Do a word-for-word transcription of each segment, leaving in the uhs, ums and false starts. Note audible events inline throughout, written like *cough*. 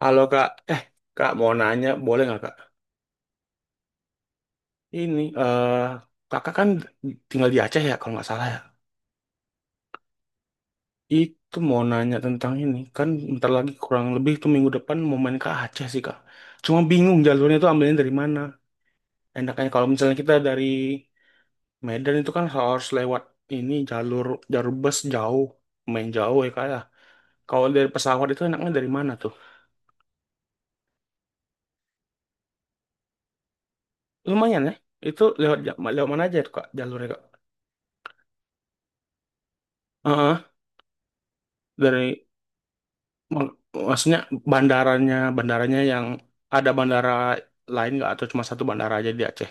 Halo kak, eh kak mau nanya boleh nggak kak? Ini eh kakak kan tinggal di Aceh ya kalau nggak salah ya. Itu mau nanya tentang ini kan bentar lagi kurang lebih tuh minggu depan mau main ke Aceh sih kak. Cuma bingung jalurnya itu ambilnya dari mana. Enaknya kalau misalnya kita dari Medan itu kan harus lewat ini jalur jalur bus jauh, main jauh ya kak ya. Kalau dari pesawat itu enaknya dari mana tuh? Lumayan ya. Itu lewat ja, lewat mana aja tuh kak jalurnya kak? Heeh, dari Mak- Maksudnya bandaranya, bandaranya yang ada bandara lain nggak atau cuma satu bandara aja di Aceh?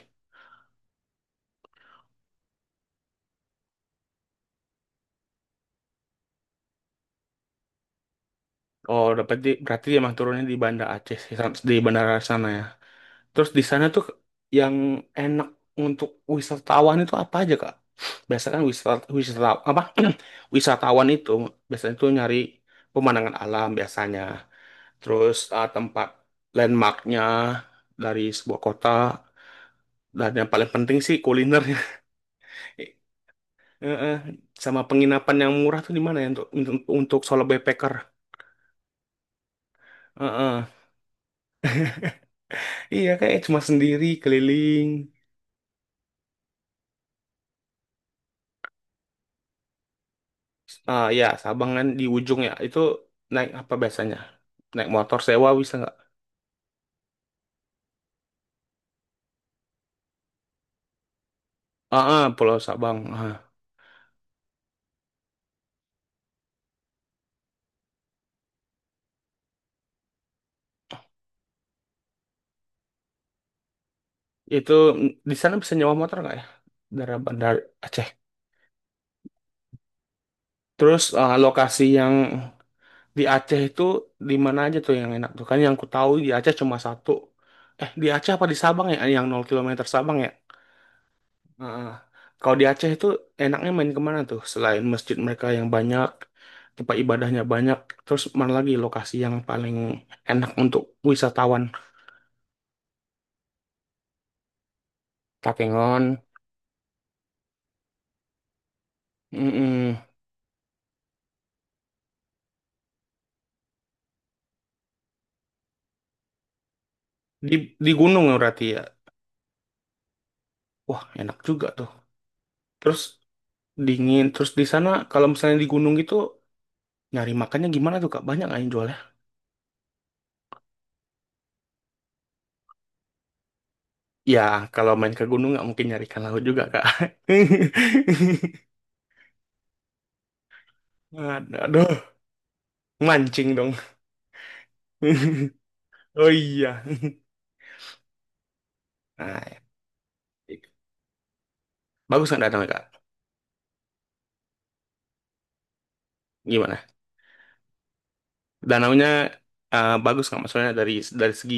Oh, dapat di, berarti emang turunnya di Banda Aceh sih, sam- di bandara sana ya. Terus di sana tuh yang enak untuk wisatawan itu apa aja, Kak? Biasanya kan wisata, wisata apa? *clears throat* Wisatawan itu biasanya tuh nyari pemandangan alam biasanya. Terus eh, tempat landmarknya dari sebuah kota dan yang paling penting sih kulinernya. *laughs* Eh, eh. Sama penginapan yang murah tuh di mana ya untuk untuk, untuk solo backpacker? Eh, eh. Iya kayak cuma sendiri keliling. Ah ya Sabang kan di ujung ya itu naik apa biasanya? Naik motor sewa bisa nggak? Ah ah, Pulau Sabang. Ah. Itu mm, di sana bisa nyewa motor nggak ya? Dari Bandar Aceh. Terus ah, lokasi yang di Aceh itu di mana aja tuh yang enak tuh kan? Yang ku tahu di Aceh cuma satu. Eh, di Aceh apa di Sabang ya? Yang nol kilometer Sabang ya? Heeh. Kalau di Aceh itu enaknya main kemana tuh? Selain masjid mereka yang banyak, tempat ibadahnya banyak, terus mana lagi lokasi yang paling enak untuk wisatawan? Takengon, mm di di gunung ya berarti ya. Wah, enak juga tuh. Terus dingin, terus di sana kalau misalnya di gunung gitu nyari makannya gimana tuh Kak? Banyak nggak yang jualnya? Ya, kalau main ke gunung nggak mungkin nyari ikan laut juga Kak. *laughs* Aduh, mancing dong. *laughs* Oh iya. Nah, bagus nggak danaunya kak? Gimana? Danaunya eh, bagus nggak? Maksudnya dari dari segi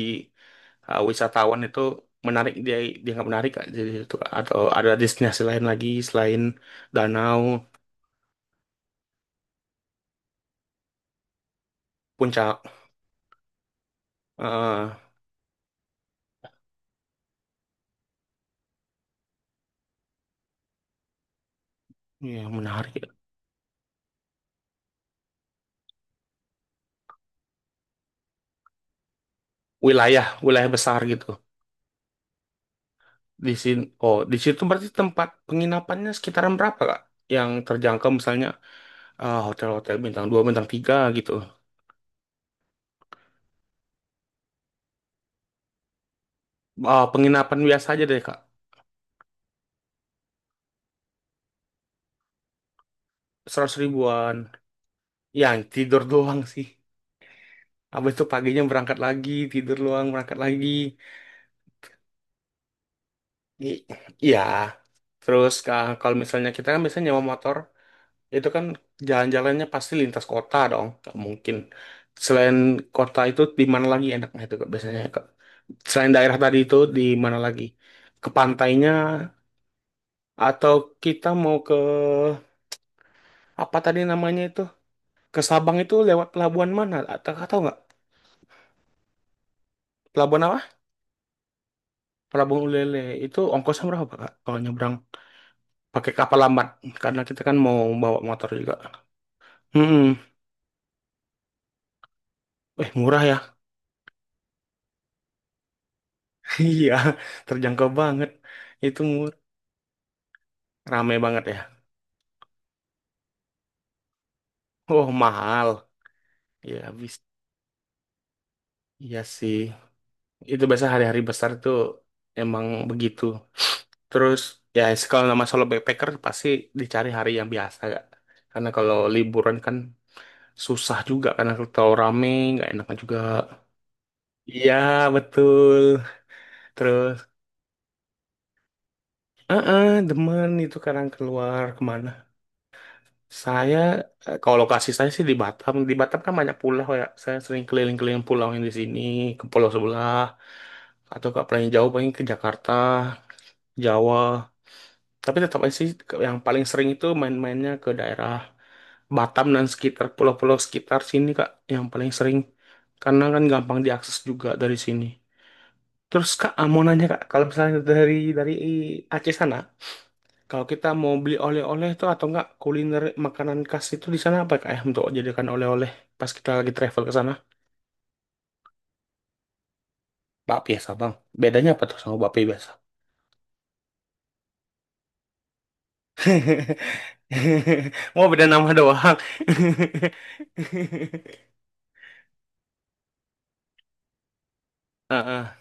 eh, wisatawan itu menarik dia dia nggak menarik kak? Jadi itu Kak, atau ada destinasi lain lagi selain danau, puncak, eh yang menarik ya. Wilayah wilayah besar gitu. Di sini oh di situ berarti tempat penginapannya sekitaran berapa kak? Yang terjangkau misalnya eh, hotel-hotel bintang dua bintang tiga gitu. Eh, penginapan biasa aja deh kak. Seratus ribuan. Yang tidur doang sih. Habis itu paginya berangkat lagi, tidur luang berangkat lagi. I- Iya. Terus ka- kalau misalnya kita kan biasanya nyewa motor, itu kan jalan-jalannya pasti lintas kota dong, nggak mungkin. Selain kota itu di mana lagi enaknya itu Kak, biasanya Kak? Selain daerah tadi itu di mana lagi? Ke pantainya atau kita mau ke apa tadi namanya itu? Ke Sabang itu lewat pelabuhan mana? Atau tahu nggak? Pelabuhan apa? Pelabuhan Ulele itu ongkosnya berapa Kak? Kalau nyebrang pakai kapal lambat karena kita kan mau bawa motor juga. Hmm, eh murah ya? *laughs* Iya, terjangkau banget. Itu murah, rame banget ya. Oh mahal, ya habis. Iya sih, itu biasa hari-hari besar tuh emang begitu. Terus ya kalau nama solo backpacker pasti dicari hari yang biasa gak? Karena kalau liburan kan susah juga karena kalau rame nggak enak juga. Iya betul. Terus, eh eh, demen itu kadang keluar kemana. Saya eh, kalau lokasi saya sih di Batam. Di Batam kan banyak pulau ya. Saya sering keliling-keliling pulau yang di sini, ke pulau sebelah, atau ke paling jauh paling ke Jakarta, Jawa. Tapi tetap aja sih ke- yang paling sering itu main-mainnya ke daerah Batam dan sekitar pulau-pulau sekitar sini Kak, yang paling sering. Karena kan gampang diakses juga dari sini. Terus Kak, ah, mau nanya Kak, kalau misalnya dari dari Aceh sana, kalau kita mau beli oleh-oleh tuh atau enggak kuliner makanan khas itu di sana apa kak ya untuk jadikan oleh-oleh pas kita lagi travel ke sana? Bakpia sama. Bedanya apa tuh sama bakpia biasa? *laughs* Mau beda nama doang. *laughs* Ah, ah.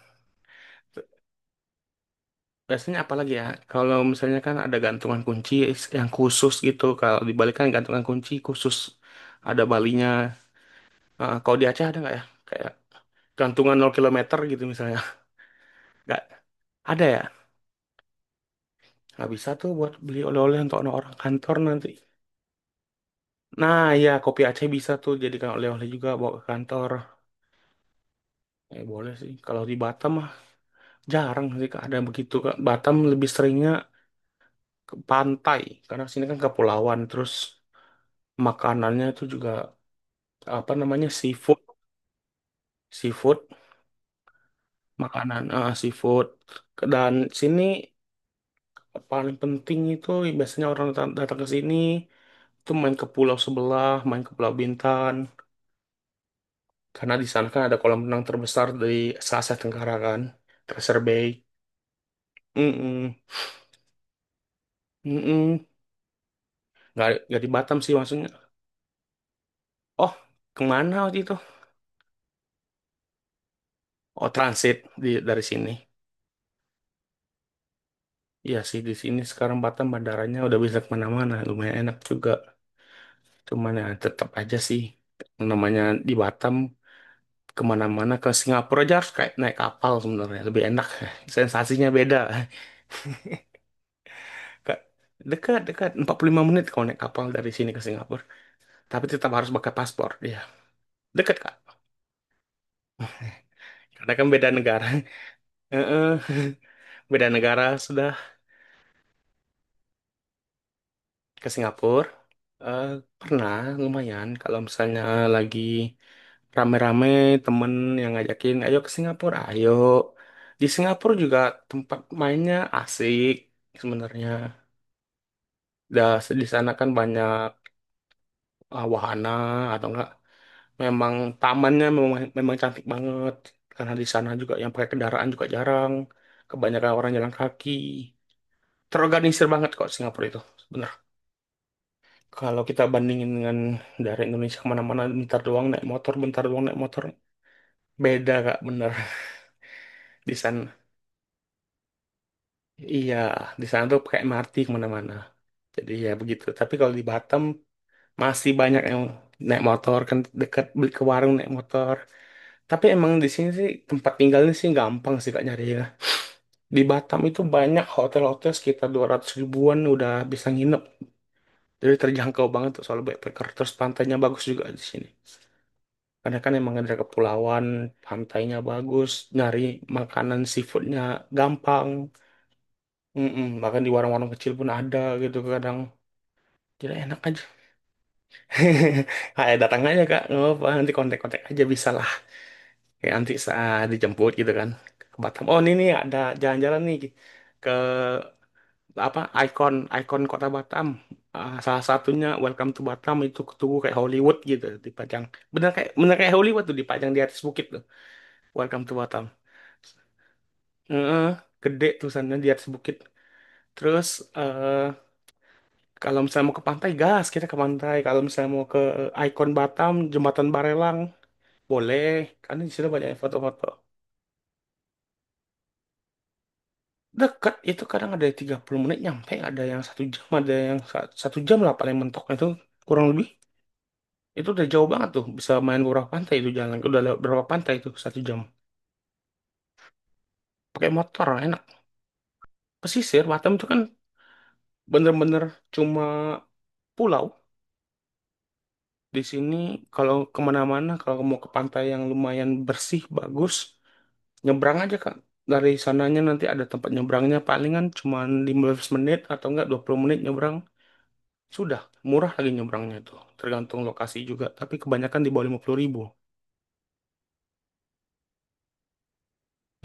Biasanya apa lagi ya? Kalau misalnya kan ada gantungan kunci yang khusus gitu. Kalau dibalikkan gantungan kunci khusus ada balinya. Heeh, kalau di Aceh ada nggak ya? Kayak gantungan nol kilometer gitu misalnya. Nggak ada ya? Nggak bisa tuh buat beli oleh-oleh untuk orang kantor nanti. Nah, ya kopi Aceh bisa tuh jadikan oleh-oleh juga bawa ke kantor. Eh, boleh sih. Kalau di Batam mah jarang sih Kak, ada begitu Kak. Batam lebih seringnya ke pantai karena sini kan kepulauan, terus makanannya tuh juga apa namanya seafood, seafood, makanan eh, seafood. Dan sini paling penting itu biasanya orang datang datang ke sini tuh main ke pulau sebelah, main ke Pulau Bintan. Karena di sana kan ada kolam renang terbesar dari se Asia Tenggara kan, Tracer Bay. Mm-mm. Mm-mm. Nggak, nggak di Batam sih maksudnya. Oh, kemana waktu itu? Oh, transit di, dari sini. Iya sih, di sini sekarang Batam bandaranya udah bisa kemana-mana. Lumayan enak juga. Cuman ya tetap aja sih. Namanya di Batam, kemana-mana ke Singapura aja harus kayak naik kapal sebenarnya. Lebih enak. *laughs* Sensasinya beda. Ke- Dekat, dekat. 45 menit kalau naik kapal dari sini ke Singapura. Tapi tetap harus pakai paspor. Ya, Deket, Kak. Karena kan beda negara. *laughs* Heeh. Beda negara sudah ke Singapura. Eh, pernah lumayan kalau misalnya lagi rame-rame temen yang ngajakin ayo ke Singapura, ayo di Singapura juga tempat mainnya asik sebenarnya dah. Di sana kan banyak eh, wahana atau enggak memang tamannya memang, memang cantik banget, karena di sana juga yang pakai kendaraan juga jarang, kebanyakan orang jalan kaki, terorganisir banget kok Singapura itu bener. Kalau kita bandingin dengan dari Indonesia, kemana-mana bentar doang naik motor, bentar doang naik motor, beda kak bener. *laughs* Di sana iya, di sana tuh pakai M R T kemana-mana, jadi ya begitu. Tapi kalau di Batam masih banyak yang naik motor kan, dekat beli ke warung naik motor. Tapi emang di sini sih tempat tinggalnya sih gampang sih kak nyari ya, di Batam itu banyak hotel-hotel, sekitar dua ratus ribuan udah bisa nginep, jadi terjangkau banget tuh soal backpacker. Terus pantainya bagus juga di sini. Karena kan emang ada kepulauan, pantainya bagus, nyari makanan seafoodnya gampang. Mm-mm, bahkan di warung-warung kecil pun ada gitu kadang. Jadi enak aja. *laughs* Kayak datang aja kak, nggak apa-apa. Nanti kontak-kontak aja bisa lah. Kayak nanti saat dijemput gitu kan ke Batam. Oh ini nih ada jalan-jalan nih ke apa ikon ikon kota Batam. Ah, salah satunya Welcome to Batam itu tugu kayak Hollywood gitu dipajang. Bener kayak bener kayak Hollywood tuh dipajang di atas bukit tuh. Welcome to Batam. Heeh, gede tulisannya di atas bukit. Terus eh kalau misalnya mau ke pantai, gas kita ke pantai. Kalau misalnya mau ke eh, ikon Batam, Jembatan Barelang, boleh. Karena di situ banyak foto-foto. Dekat itu kadang ada yang tiga puluh menit nyampe, ada yang satu jam, ada yang sa- satu jam lah paling mentoknya itu kurang lebih. Itu udah jauh banget tuh, bisa main ke beberapa pantai itu jalan. Udah lewat berapa pantai itu satu jam. Pakai motor enak. Pesisir Batam itu kan bener-bener cuma pulau. Di sini kalau kemana-mana, kalau mau ke pantai yang lumayan bersih, bagus, nyebrang aja Kak. Dari sananya nanti ada tempat nyebrangnya, palingan cuma lima belas menit atau enggak dua puluh menit nyebrang. Sudah, murah lagi nyebrangnya itu. Tergantung lokasi juga, tapi kebanyakan di bawah lima puluh ribu.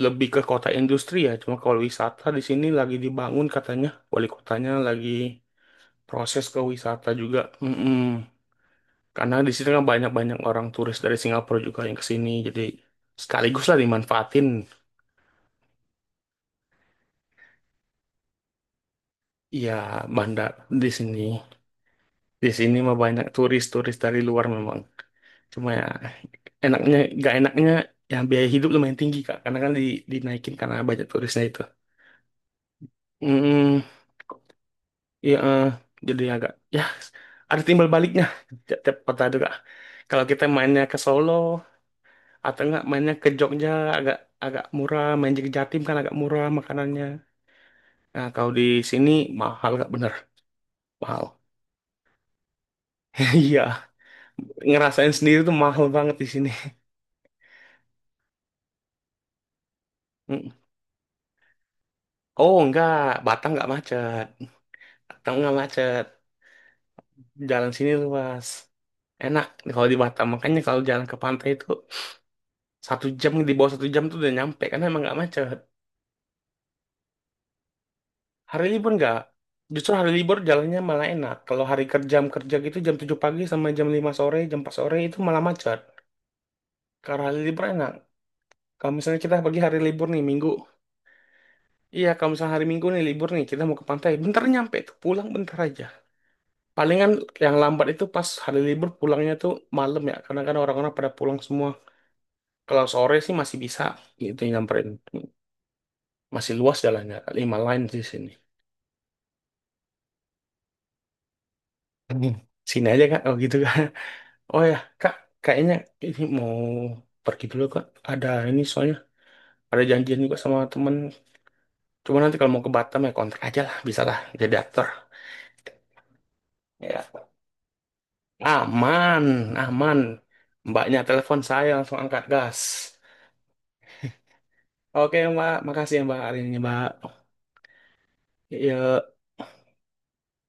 Lebih ke kota industri ya, cuma kalau wisata di sini lagi dibangun katanya. Wali kotanya lagi proses ke wisata juga. Mm-mm. Karena di sini kan banyak-banyak orang turis dari Singapura juga yang ke sini, jadi sekaligus lah dimanfaatin. Iya, bandar di sini. Di sini mah banyak turis-turis dari luar memang. Cuma ya enaknya, gak enaknya ya biaya hidup lumayan tinggi Kak. Karena kan di, dinaikin karena banyak turisnya itu. Hmm, iya, eh, jadi agak ya ada timbal baliknya tiap, tiap kota itu Kak. Kalau kita mainnya ke Solo atau enggak mainnya ke Jogja agak agak murah, main ke Jatim kan agak murah makanannya. Nah, kalau di sini mahal Kak, bener. Mahal. *laughs* Iya. Ngerasain sendiri tuh mahal banget di sini. Mm. Oh enggak, Batam enggak macet. Batam enggak macet. Jalan sini luas. Enak kalau di Batam. Makanya kalau jalan ke pantai itu satu jam di bawah satu jam tuh udah nyampe karena emang enggak macet. Hari libur enggak. Justru hari libur jalannya malah enak. Kalau hari kerja jam kerja gitu jam tujuh pagi sama jam lima sore, jam empat sore itu malah macet. Karena hari libur enak. Kalau misalnya kita bagi hari libur nih minggu, iya kalau misalnya hari minggu nih libur nih kita mau ke pantai, bentar nyampe tuh pulang bentar aja. Palingan yang lambat itu pas hari libur pulangnya tuh malam ya, karena kan orang-orang pada pulang semua. Kalau sore sih masih bisa gitu nyamperin. Masih luas jalannya, lima line di sini. Hmm. Sini aja kak, oh gitu kak. Oh ya, kak, kayaknya ini mau pergi dulu kak. Ada ini soalnya, ada janjian juga sama temen. Cuma nanti kalau mau ke Batam ya kontrak aja lah, bisa lah, jadi aktor. Ya. Aman, aman. Mbaknya telepon saya langsung angkat gas. Oke, Mbak. Makasih ya, Mbak, hari ini, Mbak. Yuk.